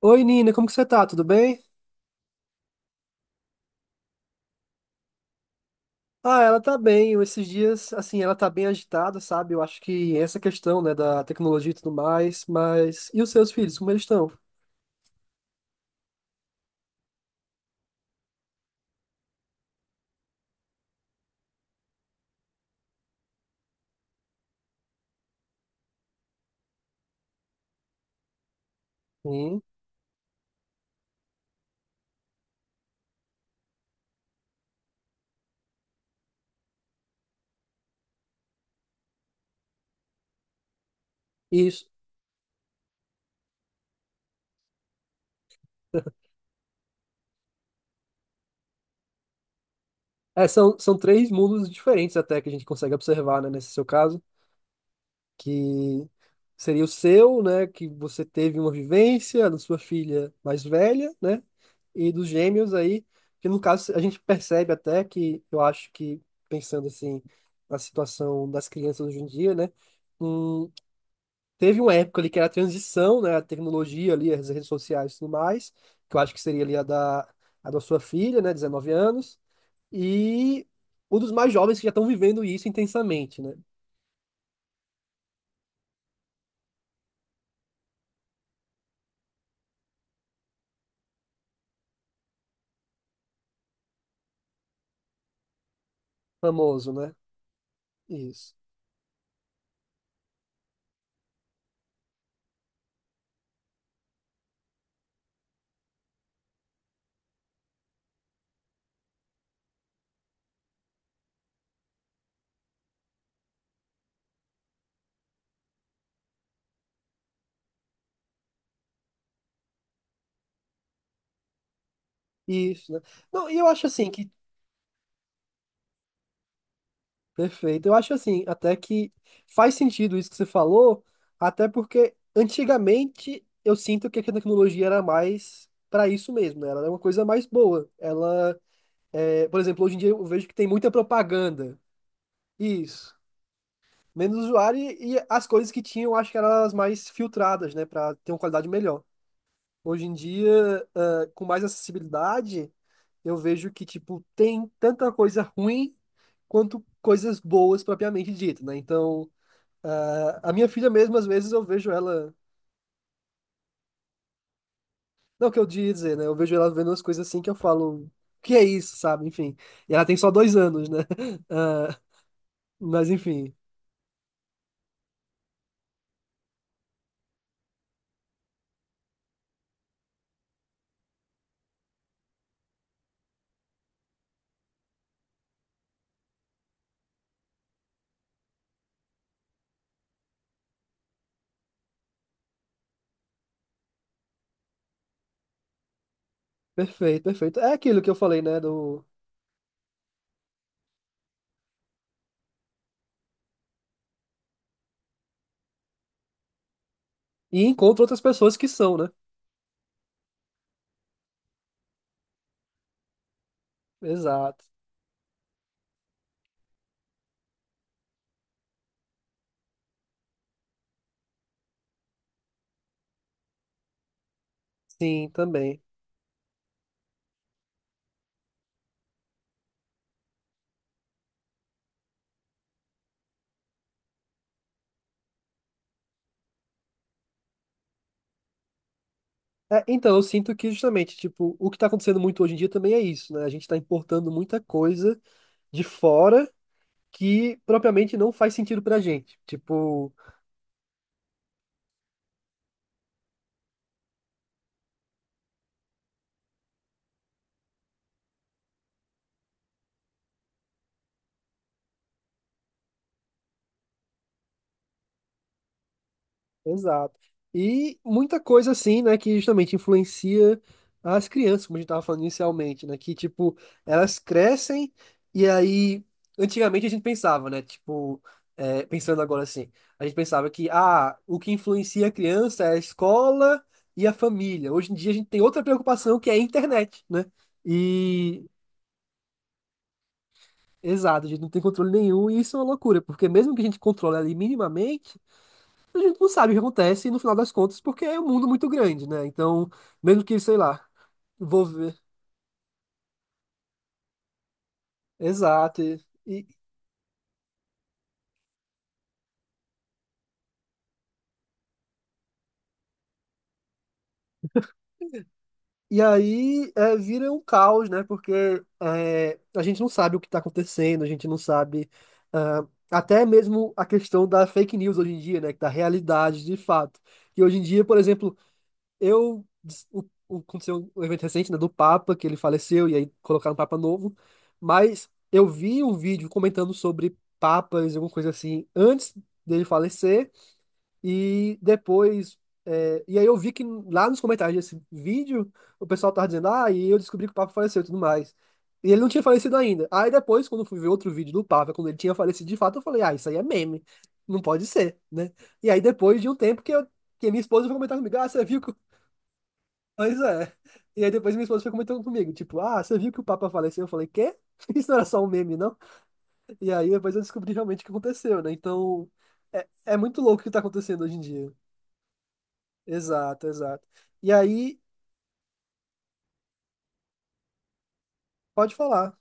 Oi, Nina, como que você tá? Tudo bem? Ah, ela tá bem. Eu, esses dias, assim, ela tá bem agitada, sabe? Eu acho que essa questão, né, da tecnologia e tudo mais, mas... E os seus filhos, como eles estão? Sim, isso. É, são três mundos diferentes até que a gente consegue observar, né, nesse seu caso. Que seria o seu, né? Que você teve uma vivência da sua filha mais velha, né? E dos gêmeos aí, que no caso a gente percebe até que eu acho que pensando assim na situação das crianças hoje em dia, né? hum, Teve uma época ali que era a transição, né? A tecnologia ali, as redes sociais e tudo mais, que eu acho que seria ali a da sua filha, né? 19 anos, e um dos mais jovens que já estão vivendo isso intensamente, né? Famoso, né? Isso. Isso, né? Não, e eu acho assim que. Perfeito. Eu acho assim, até que faz sentido isso que você falou, até porque antigamente eu sinto que a tecnologia era mais para isso mesmo, né? Ela era uma coisa mais boa. Ela, é, por exemplo, hoje em dia eu vejo que tem muita propaganda. Isso. Menos usuário e as coisas que tinham, acho que eram as mais filtradas, né? Para ter uma qualidade melhor. Hoje em dia, ah, com mais acessibilidade, eu vejo que, tipo, tem tanta coisa ruim quanto coisas boas propriamente dito, né? Então, ah, a minha filha mesmo, às vezes eu vejo ela, não que eu diga dizer, né? Eu vejo ela vendo umas coisas assim que eu falo, que é isso, sabe? Enfim, e ela tem só 2 anos, né? Ah, mas enfim, perfeito, perfeito. É aquilo que eu falei, né? Do... E encontro outras pessoas que são, né? Exato. Sim, também. É, então, eu sinto que justamente, tipo, o que está acontecendo muito hoje em dia também é isso, né? A gente está importando muita coisa de fora que propriamente não faz sentido pra gente. Tipo, exato. E muita coisa assim, né, que justamente influencia as crianças, como a gente estava falando inicialmente, né, que tipo, elas crescem e aí antigamente a gente pensava, né, tipo, é, pensando agora assim, a gente pensava que ah, o que influencia a criança é a escola e a família. Hoje em dia a gente tem outra preocupação que é a internet, né? E exato, a gente não tem controle nenhum e isso é uma loucura, porque mesmo que a gente controle ali minimamente, a gente não sabe o que acontece no final das contas, porque é um mundo muito grande, né? Então, mesmo que, sei lá, vou ver. Exato. E e aí é, vira um caos, né? Porque é, a gente não sabe o que está acontecendo, a gente não sabe. Ah, até mesmo a questão da fake news hoje em dia, né? Da realidade de fato. Que hoje em dia, por exemplo, eu, o, aconteceu um evento recente, né, do Papa, que ele faleceu, e aí colocaram um Papa novo, mas eu vi um vídeo comentando sobre papas, alguma coisa assim, antes dele falecer, e depois, é, e aí eu vi que lá nos comentários desse vídeo, o pessoal tava dizendo, ah, e eu descobri que o Papa faleceu e tudo mais. E ele não tinha falecido ainda. Aí depois, quando eu fui ver outro vídeo do Papa, quando ele tinha falecido de fato, eu falei, ah, isso aí é meme, não pode ser, né? E aí depois de um tempo que minha esposa foi comentar comigo, ah, você viu que... Pois é. E aí depois minha esposa foi comentando comigo, tipo, ah, você viu que o Papa faleceu? Eu falei, quê? Isso não era só um meme, não? E aí depois eu descobri realmente o que aconteceu, né? Então, é, é muito louco o que tá acontecendo hoje em dia. Exato, exato. E aí, pode falar.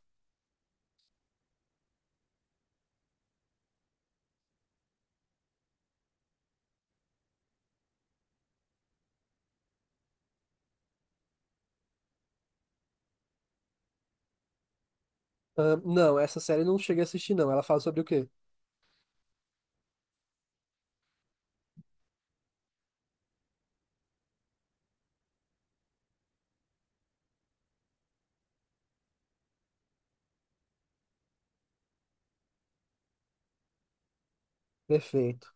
Ah, não, essa série eu não cheguei a assistir, não. Ela fala sobre o quê? Perfeito.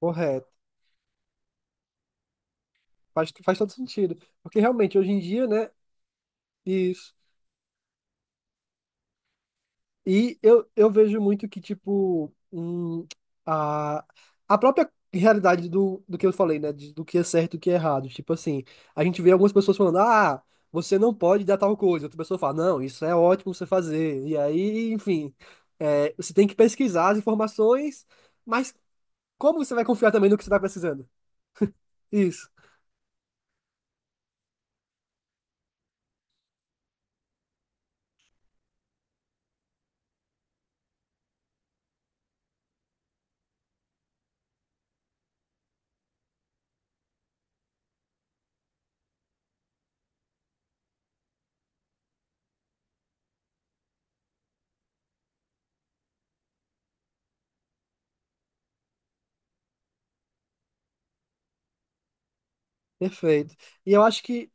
Correto. Faz todo sentido. Porque realmente, hoje em dia, né? Isso. E eu vejo muito que, tipo, a, a própria realidade do, do que eu falei, né? Do que é certo e o que é errado. Tipo assim, a gente vê algumas pessoas falando, ah, você não pode dar tal coisa. Outra pessoa fala, não, isso é ótimo você fazer. E aí, enfim, é, você tem que pesquisar as informações, mas como você vai confiar também no que você está precisando? Isso, perfeito. E eu acho que,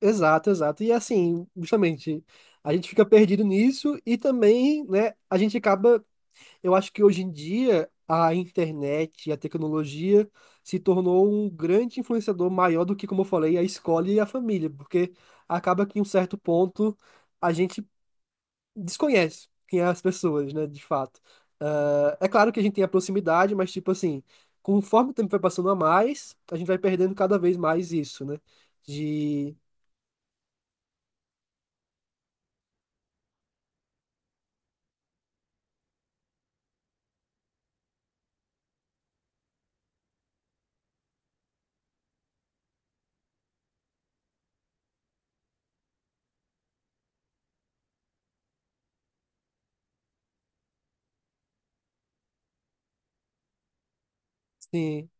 exato, exato. E assim, justamente. A gente fica perdido nisso e também, né, a gente acaba. Eu acho que hoje em dia a internet e a tecnologia se tornou um grande influenciador maior do que, como eu falei, a escola e a família, porque acaba que em um certo ponto a gente desconhece quem é as pessoas, né, de fato. Ah, é claro que a gente tem a proximidade, mas tipo assim, conforme o tempo vai passando a mais, a gente vai perdendo cada vez mais isso, né? De, sim,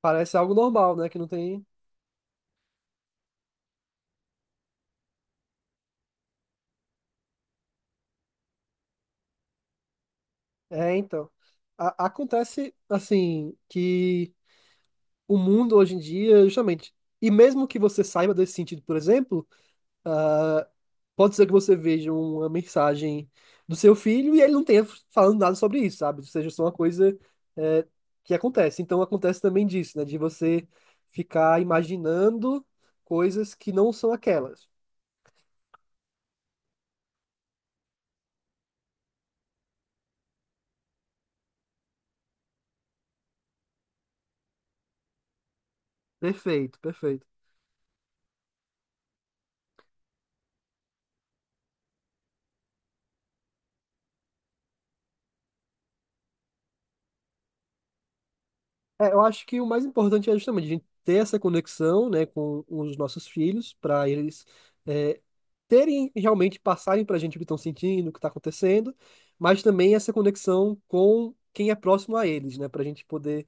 parece algo normal, né, que não tem. É, então. Acontece assim que o mundo hoje em dia, justamente. E mesmo que você saiba desse sentido, por exemplo, ah, pode ser que você veja uma mensagem do seu filho e ele não tenha falando nada sobre isso, sabe? Ou seja, só uma coisa, eh, que acontece. Então acontece também disso, né? De você ficar imaginando coisas que não são aquelas. Perfeito, perfeito. É, eu acho que o mais importante é justamente a gente ter essa conexão, né, com os nossos filhos, para eles é, terem realmente passarem para a gente o que estão sentindo, o que está acontecendo, mas também essa conexão com quem é próximo a eles, né, para a gente poder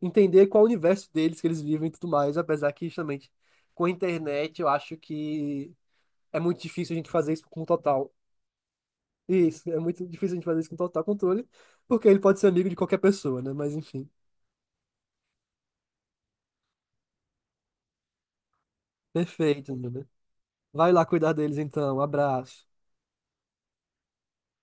entender qual o universo deles que eles vivem e tudo mais, apesar que justamente com a internet eu acho que é muito difícil a gente fazer isso com total. Isso, é muito difícil a gente fazer isso com total controle, porque ele pode ser amigo de qualquer pessoa, né? Mas enfim, perfeito, né? Né? Vai lá cuidar deles então. Abraço.